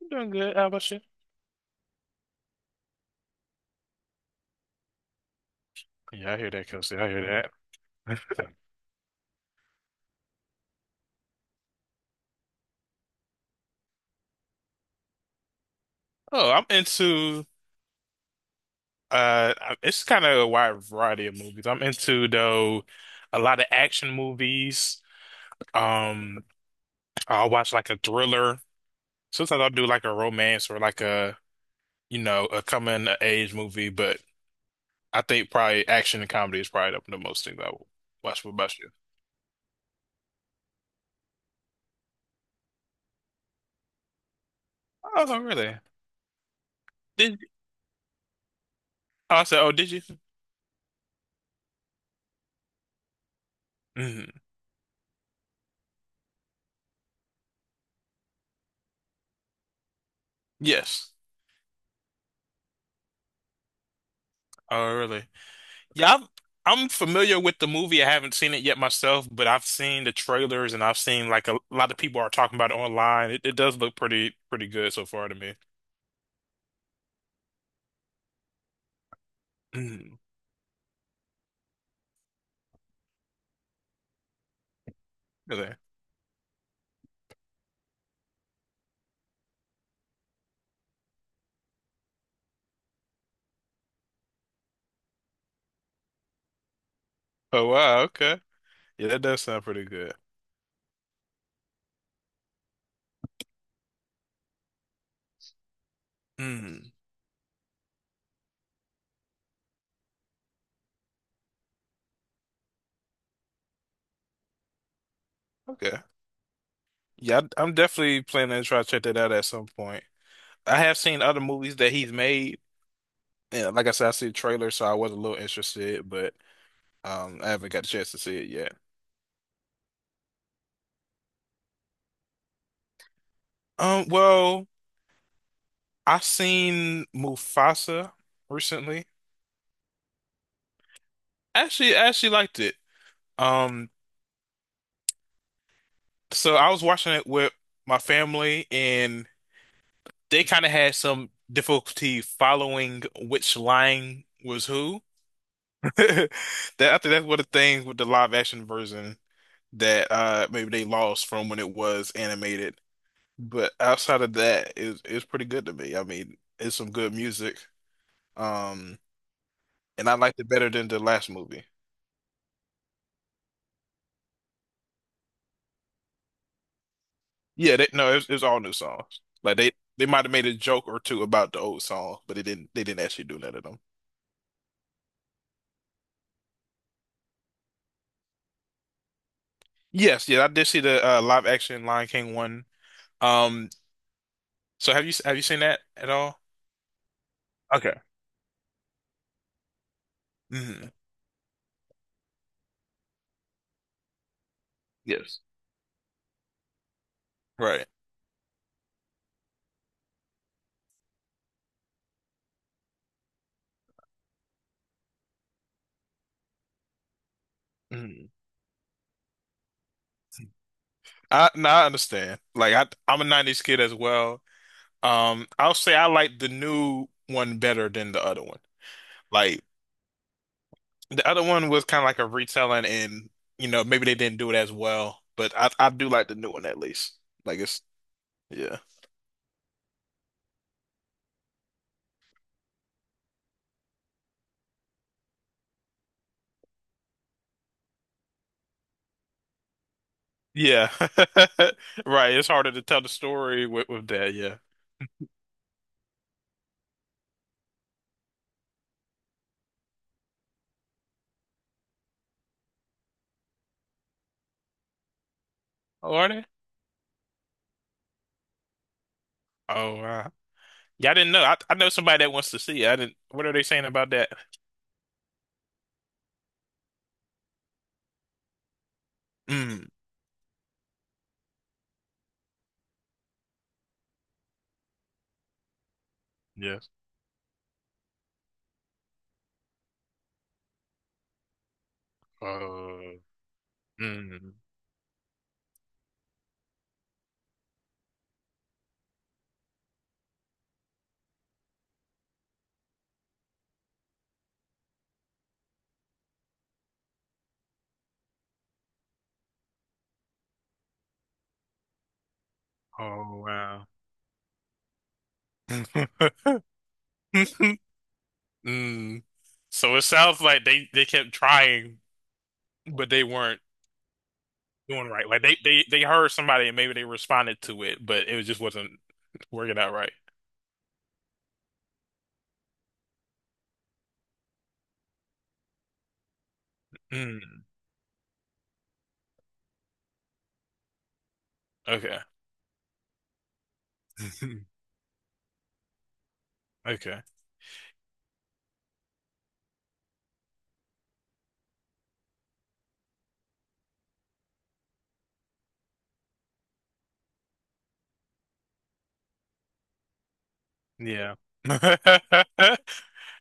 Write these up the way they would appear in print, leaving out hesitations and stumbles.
I'm doing good. How about you? Yeah, I hear that, Kelsey. I hear that. Oh, I'm into it's kind of a wide variety of movies. I'm into though a lot of action movies. Um I'll watch like a thriller. Sometimes I'll do like a romance or like a a coming of age movie, but I think probably action and comedy is probably the most things I will watch. What about you? Oh, really? Did I said, oh, did you? Mhm. Yes. Oh, really? Yeah, I've, I'm familiar with the movie. I haven't seen it yet myself, but I've seen the trailers and I've seen like a lot of people are talking about it online. It does look pretty pretty good so far to me. Mm, okay. Oh wow, okay. Yeah, that does sound pretty good. Mm, okay. Am definitely planning to try to check that out at some point. I have seen other movies that he's made. Yeah, like I said, I see the trailer, so I was a little interested, but I haven't got a chance to see it yet. Um, well, I seen Mufasa recently. I actually liked it. Um, so I was watching it with my family, and they kind of had some difficulty following which line was who. That I think that's one of the things with the live action version that maybe they lost from when it was animated. But outside of that, it's pretty good to me. I mean, it's some good music. Um, and I liked it better than the last movie. No, it was, all new songs. Like they might have made a joke or two about the old song, but they didn't actually do none of them. Yes, yeah, I did see the live action Lion King one. Um, so have you seen that at all? Okay. Hmm. Yes. Right. Hmm. I no, I understand. I'm a 90s kid as well. I'll say I like the new one better than the other one. Like the other one was kind of like a retelling and maybe they didn't do it as well, but I do like the new one at least. Like it's Yeah. Yeah. Right. It's harder to tell the story with that. Yeah. Oh, are they? Oh, wow. Yeah, I didn't know. I know somebody that wants to see it. I didn't. What are they saying about that? Mm. Yes. Uh, mm. Oh, wow. Mm. So it sounds like they kept trying, but they weren't doing right. Like they heard somebody and maybe they responded to it, but it just wasn't working out right. Mm. Okay. Okay. Yeah.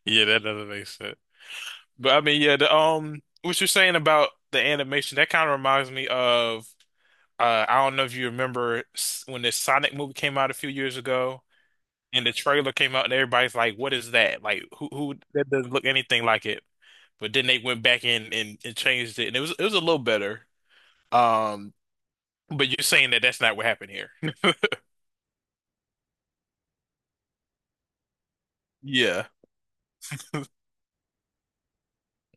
Yeah, that doesn't make sense. But I mean, yeah, the what you're saying about the animation, that kind of reminds me of I don't know if you remember when this Sonic movie came out a few years ago, and the trailer came out, and everybody's like, "What is that? Like, who that doesn't look anything like it." But then they went back in and changed it, and it was a little better. Um, but you're saying that that's not what happened here. Yeah.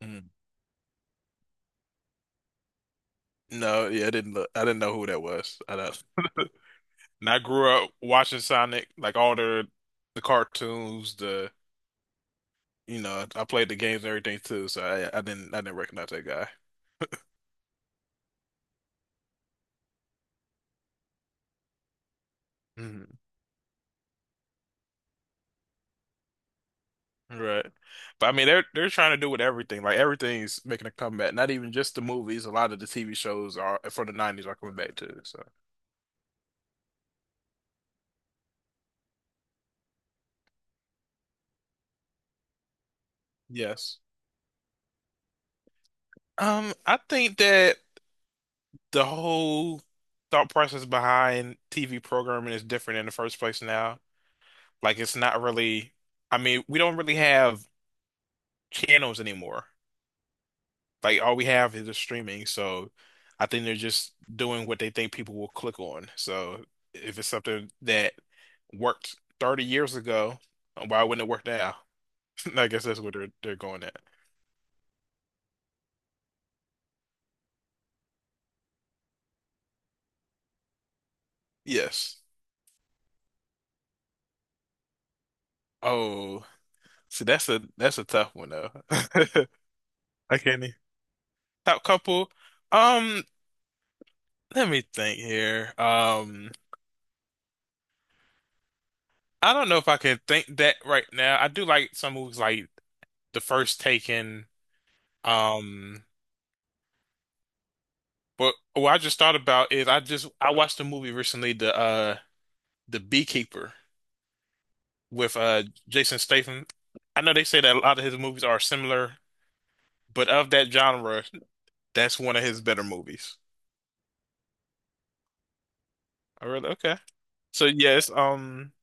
Mm. No, yeah, I didn't look. I didn't know who that was. I don't. And I grew up watching Sonic, like all the cartoons, the I played the games and everything too, so I didn't recognize that guy. Mhm. Right. But I mean they're trying to do with everything. Like everything's making a comeback. Not even just the movies, a lot of the TV shows are for the 90s are coming back too. So yes. I think that the whole thought process behind TV programming is different in the first place now. Like it's not really I mean, we don't really have channels anymore. Like all we have is the streaming. So I think they're just doing what they think people will click on. So if it's something that worked 30 years ago, why wouldn't it work now? I guess that's where they're going at. Yes. Oh, see, that's a tough one though. I can't. E- Top couple. Um, let me think here. I don't know if I can think that right now. I do like some movies like The First Taken. Um, But what I just thought about is I watched a movie recently, the Beekeeper with Jason Statham. I know they say that a lot of his movies are similar, but of that genre, that's one of his better movies. Oh, really? Okay. So yes,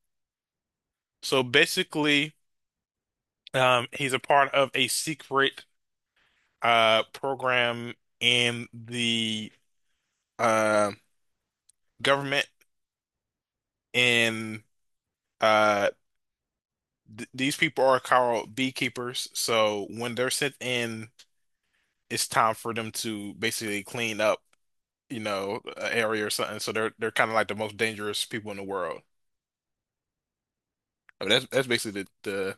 so basically, he's a part of a secret program in the uh government, and uh th these people are called beekeepers. So when they're sent in it's time for them to basically clean up, you know, an area or something. So they're kind of like the most dangerous people in the world. I mean, that's basically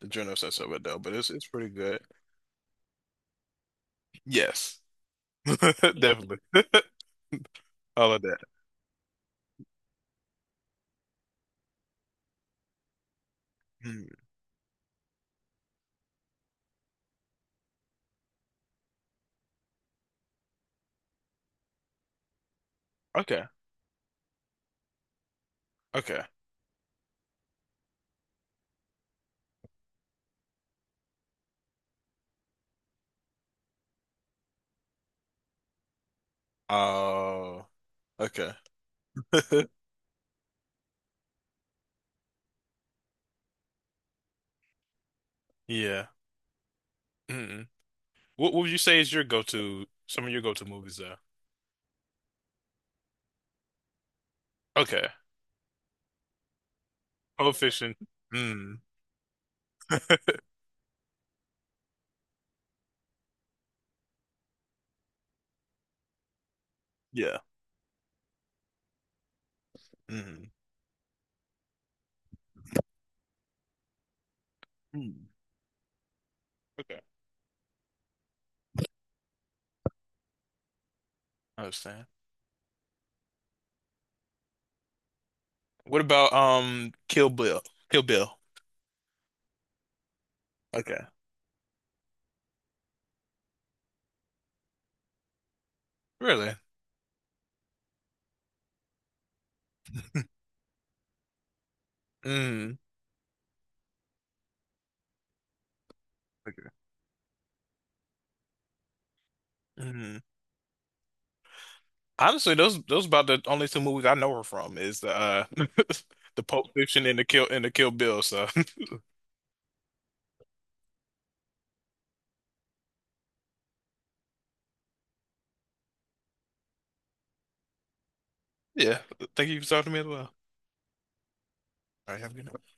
the general sense of it though. But it's pretty good. Yes, definitely. All of that. Mm. Okay. Okay. Oh. Okay. Yeah. Mm-mm. What would you say is your go-to? Some of your go-to movies though. Okay. Pulp Fiction. Mm. Yeah. Mm. Mm. Okay. I understand. What about Kill Bill? Kill Bill. Okay. Really? Mm. Okay. Mm. Honestly, those about the only two movies I know her from is the the Pulp Fiction and the Kill Bill. So yeah, thank you for talking to me as well. All right, have a good night.